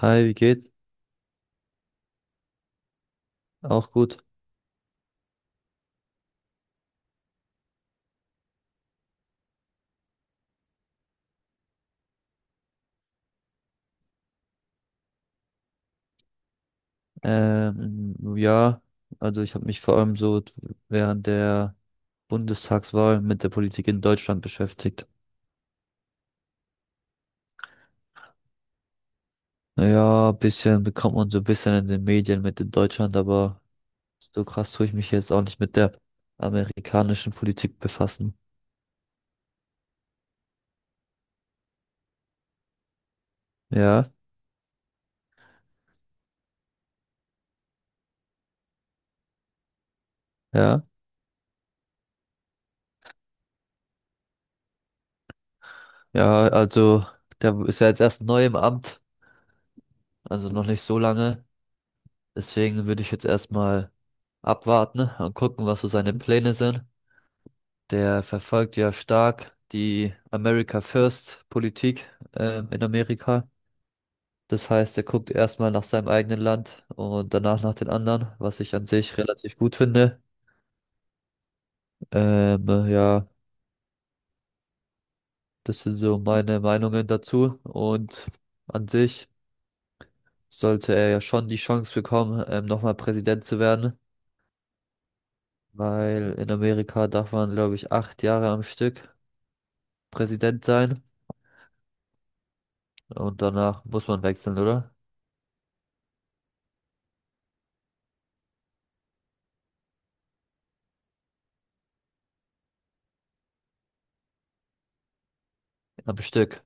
Hi, wie geht's? Auch gut. Ja, also ich habe mich vor allem so während der Bundestagswahl mit der Politik in Deutschland beschäftigt. Ja, ein bisschen bekommt man so ein bisschen in den Medien mit in Deutschland, aber so krass tue ich mich jetzt auch nicht mit der amerikanischen Politik befassen. Ja, ja, ja, also der ist ja jetzt erst neu im Amt, also noch nicht so lange. Deswegen würde ich jetzt erstmal abwarten und gucken, was so seine Pläne sind. Der verfolgt ja stark die America First Politik in Amerika. Das heißt, er guckt erstmal nach seinem eigenen Land und danach nach den anderen, was ich an sich relativ gut finde. Ja, das sind so meine Meinungen dazu. Und an sich sollte er ja schon die Chance bekommen, nochmal Präsident zu werden, weil in Amerika darf man, glaube ich, 8 Jahre am Stück Präsident sein und danach muss man wechseln, oder? Am Stück.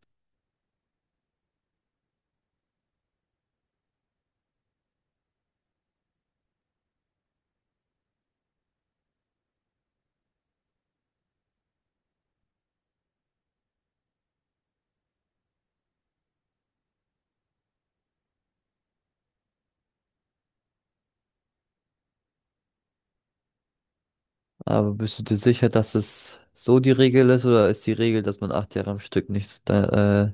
Aber bist du dir sicher, dass es so die Regel ist oder ist die Regel, dass man 8 Jahre am Stück nicht,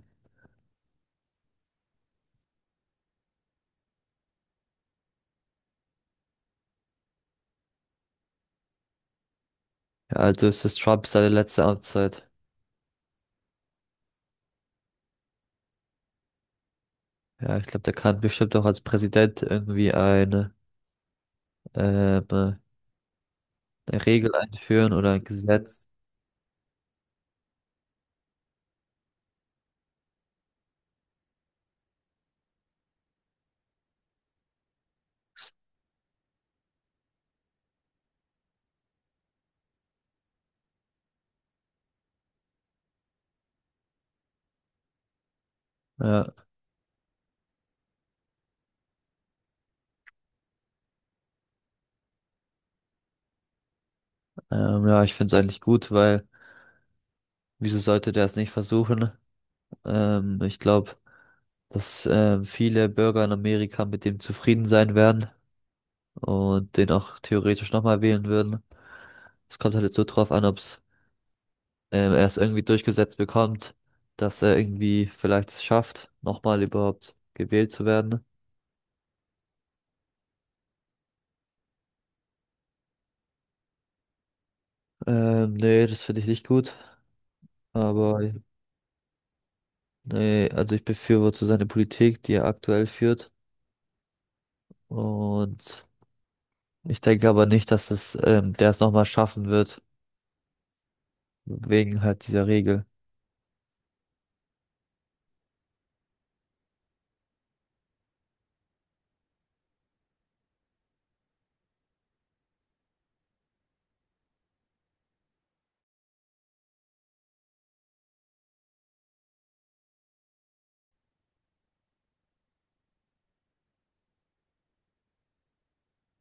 ja, also ist es Trump seine letzte Amtszeit? Ja, ich glaube, der kann bestimmt auch als Präsident irgendwie eine Regel einführen oder ein Gesetz. Ja, ja, ich finde es eigentlich gut, weil wieso sollte der es nicht versuchen? Ich glaube, dass viele Bürger in Amerika mit dem zufrieden sein werden und den auch theoretisch nochmal wählen würden. Es kommt halt jetzt so drauf an, ob's er es irgendwie durchgesetzt bekommt, dass er irgendwie vielleicht es schafft, nochmal überhaupt gewählt zu werden. Nee, das finde ich nicht gut. Aber nee, also ich befürworte seine Politik, die er aktuell führt. Und ich denke aber nicht, dass der es nochmal schaffen wird, wegen halt dieser Regel.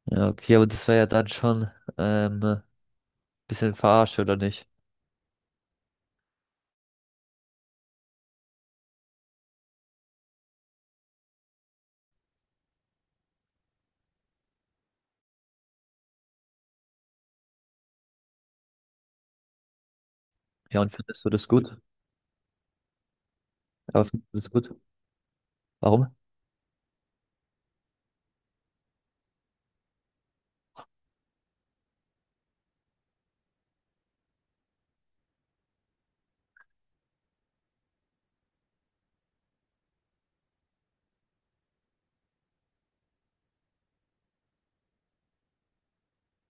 Ja, okay, aber das wäre ja dann schon ähm, bisschen verarscht, oder nicht? Ja, und findest du das gut? Aber findest du das gut? Warum?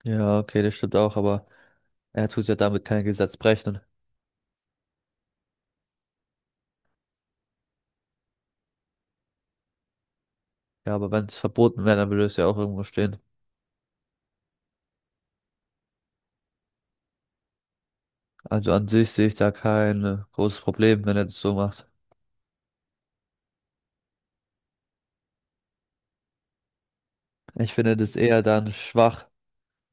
Ja, okay, das stimmt auch, aber er tut ja damit kein Gesetz brechen. Ja, aber wenn es verboten wäre, dann würde es ja auch irgendwo stehen. Also an sich sehe ich da kein großes Problem, wenn er das so macht. Ich finde das eher dann schwach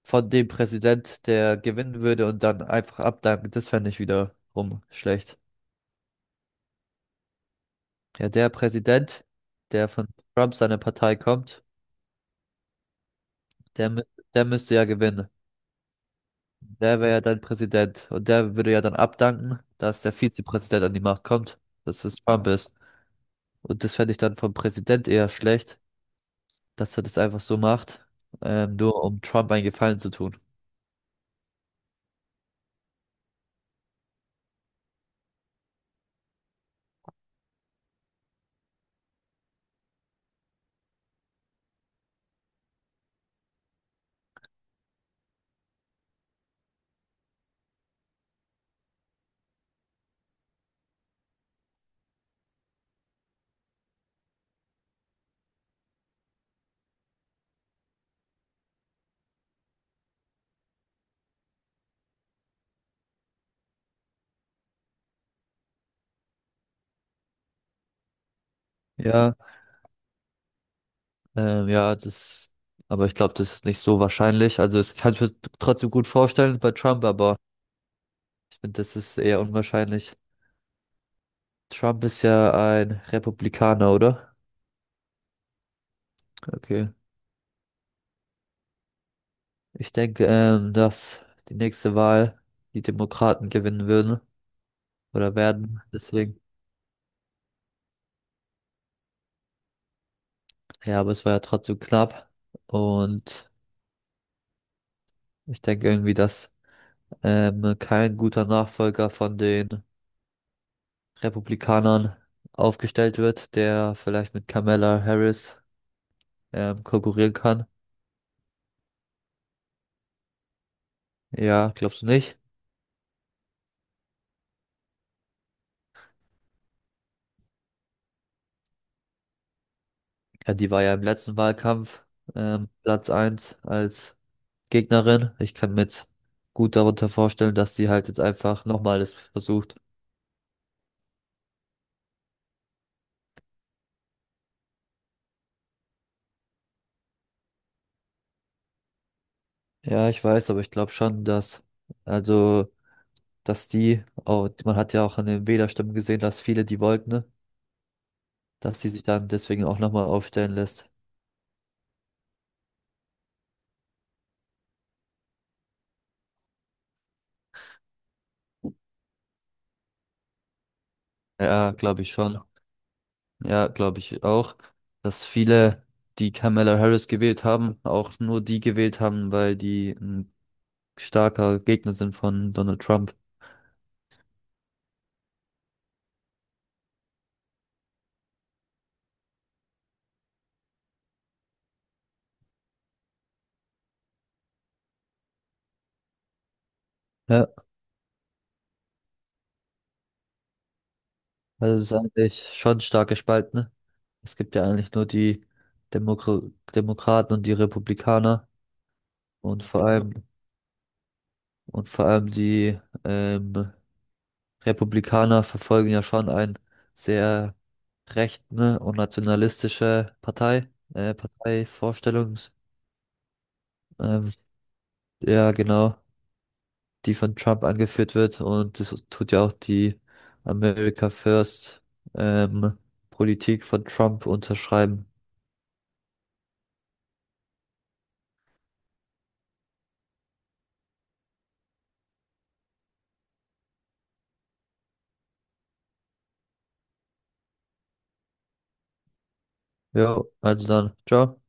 von dem Präsident, der gewinnen würde und dann einfach abdanken. Das fände ich wiederum schlecht. Ja, der Präsident, der von Trump seiner Partei kommt, der, mü- der müsste ja gewinnen. Der wäre ja dann Präsident und der würde ja dann abdanken, dass der Vizepräsident an die Macht kommt, dass es Trump ist. Und das fände ich dann vom Präsident eher schlecht, dass er das einfach so macht, nur um Trump einen Gefallen zu tun. Ja, ähm, ja, das, aber ich glaube, das ist nicht so wahrscheinlich. Also, es kann ich mir trotzdem gut vorstellen bei Trump, aber ich finde, das ist eher unwahrscheinlich. Trump ist ja ein Republikaner, oder? Okay. Ich denke, dass die nächste Wahl die Demokraten gewinnen würden oder werden. Deswegen, ja, aber es war ja trotzdem knapp. Und ich denke irgendwie, dass kein guter Nachfolger von den Republikanern aufgestellt wird, der vielleicht mit Kamala Harris konkurrieren kann. Ja, glaubst du nicht? Ja, die war ja im letzten Wahlkampf Platz 1 als Gegnerin. Ich kann mir jetzt gut darunter vorstellen, dass sie halt jetzt einfach nochmal es versucht. Ja, ich weiß, aber ich glaube schon, also, dass man hat ja auch an den Wählerstimmen gesehen, dass viele die wollten, ne? Dass sie sich dann deswegen auch nochmal aufstellen lässt. Ja, glaube ich schon. Ja, glaube ich auch, dass viele, die Kamala Harris gewählt haben, auch nur die gewählt haben, weil die ein starker Gegner sind von Donald Trump. Ja, also es ist eigentlich schon stark gespalten, ne? Es gibt ja eigentlich nur die Demokra Demokraten und die Republikaner und vor Ja. allem und vor allem die ähm, Republikaner verfolgen ja schon ein sehr rechten und nationalistische Parteivorstellung. Ja genau, die von Trump angeführt wird und das tut ja auch die America First ähm, Politik von Trump unterschreiben. Ja, also dann, ciao.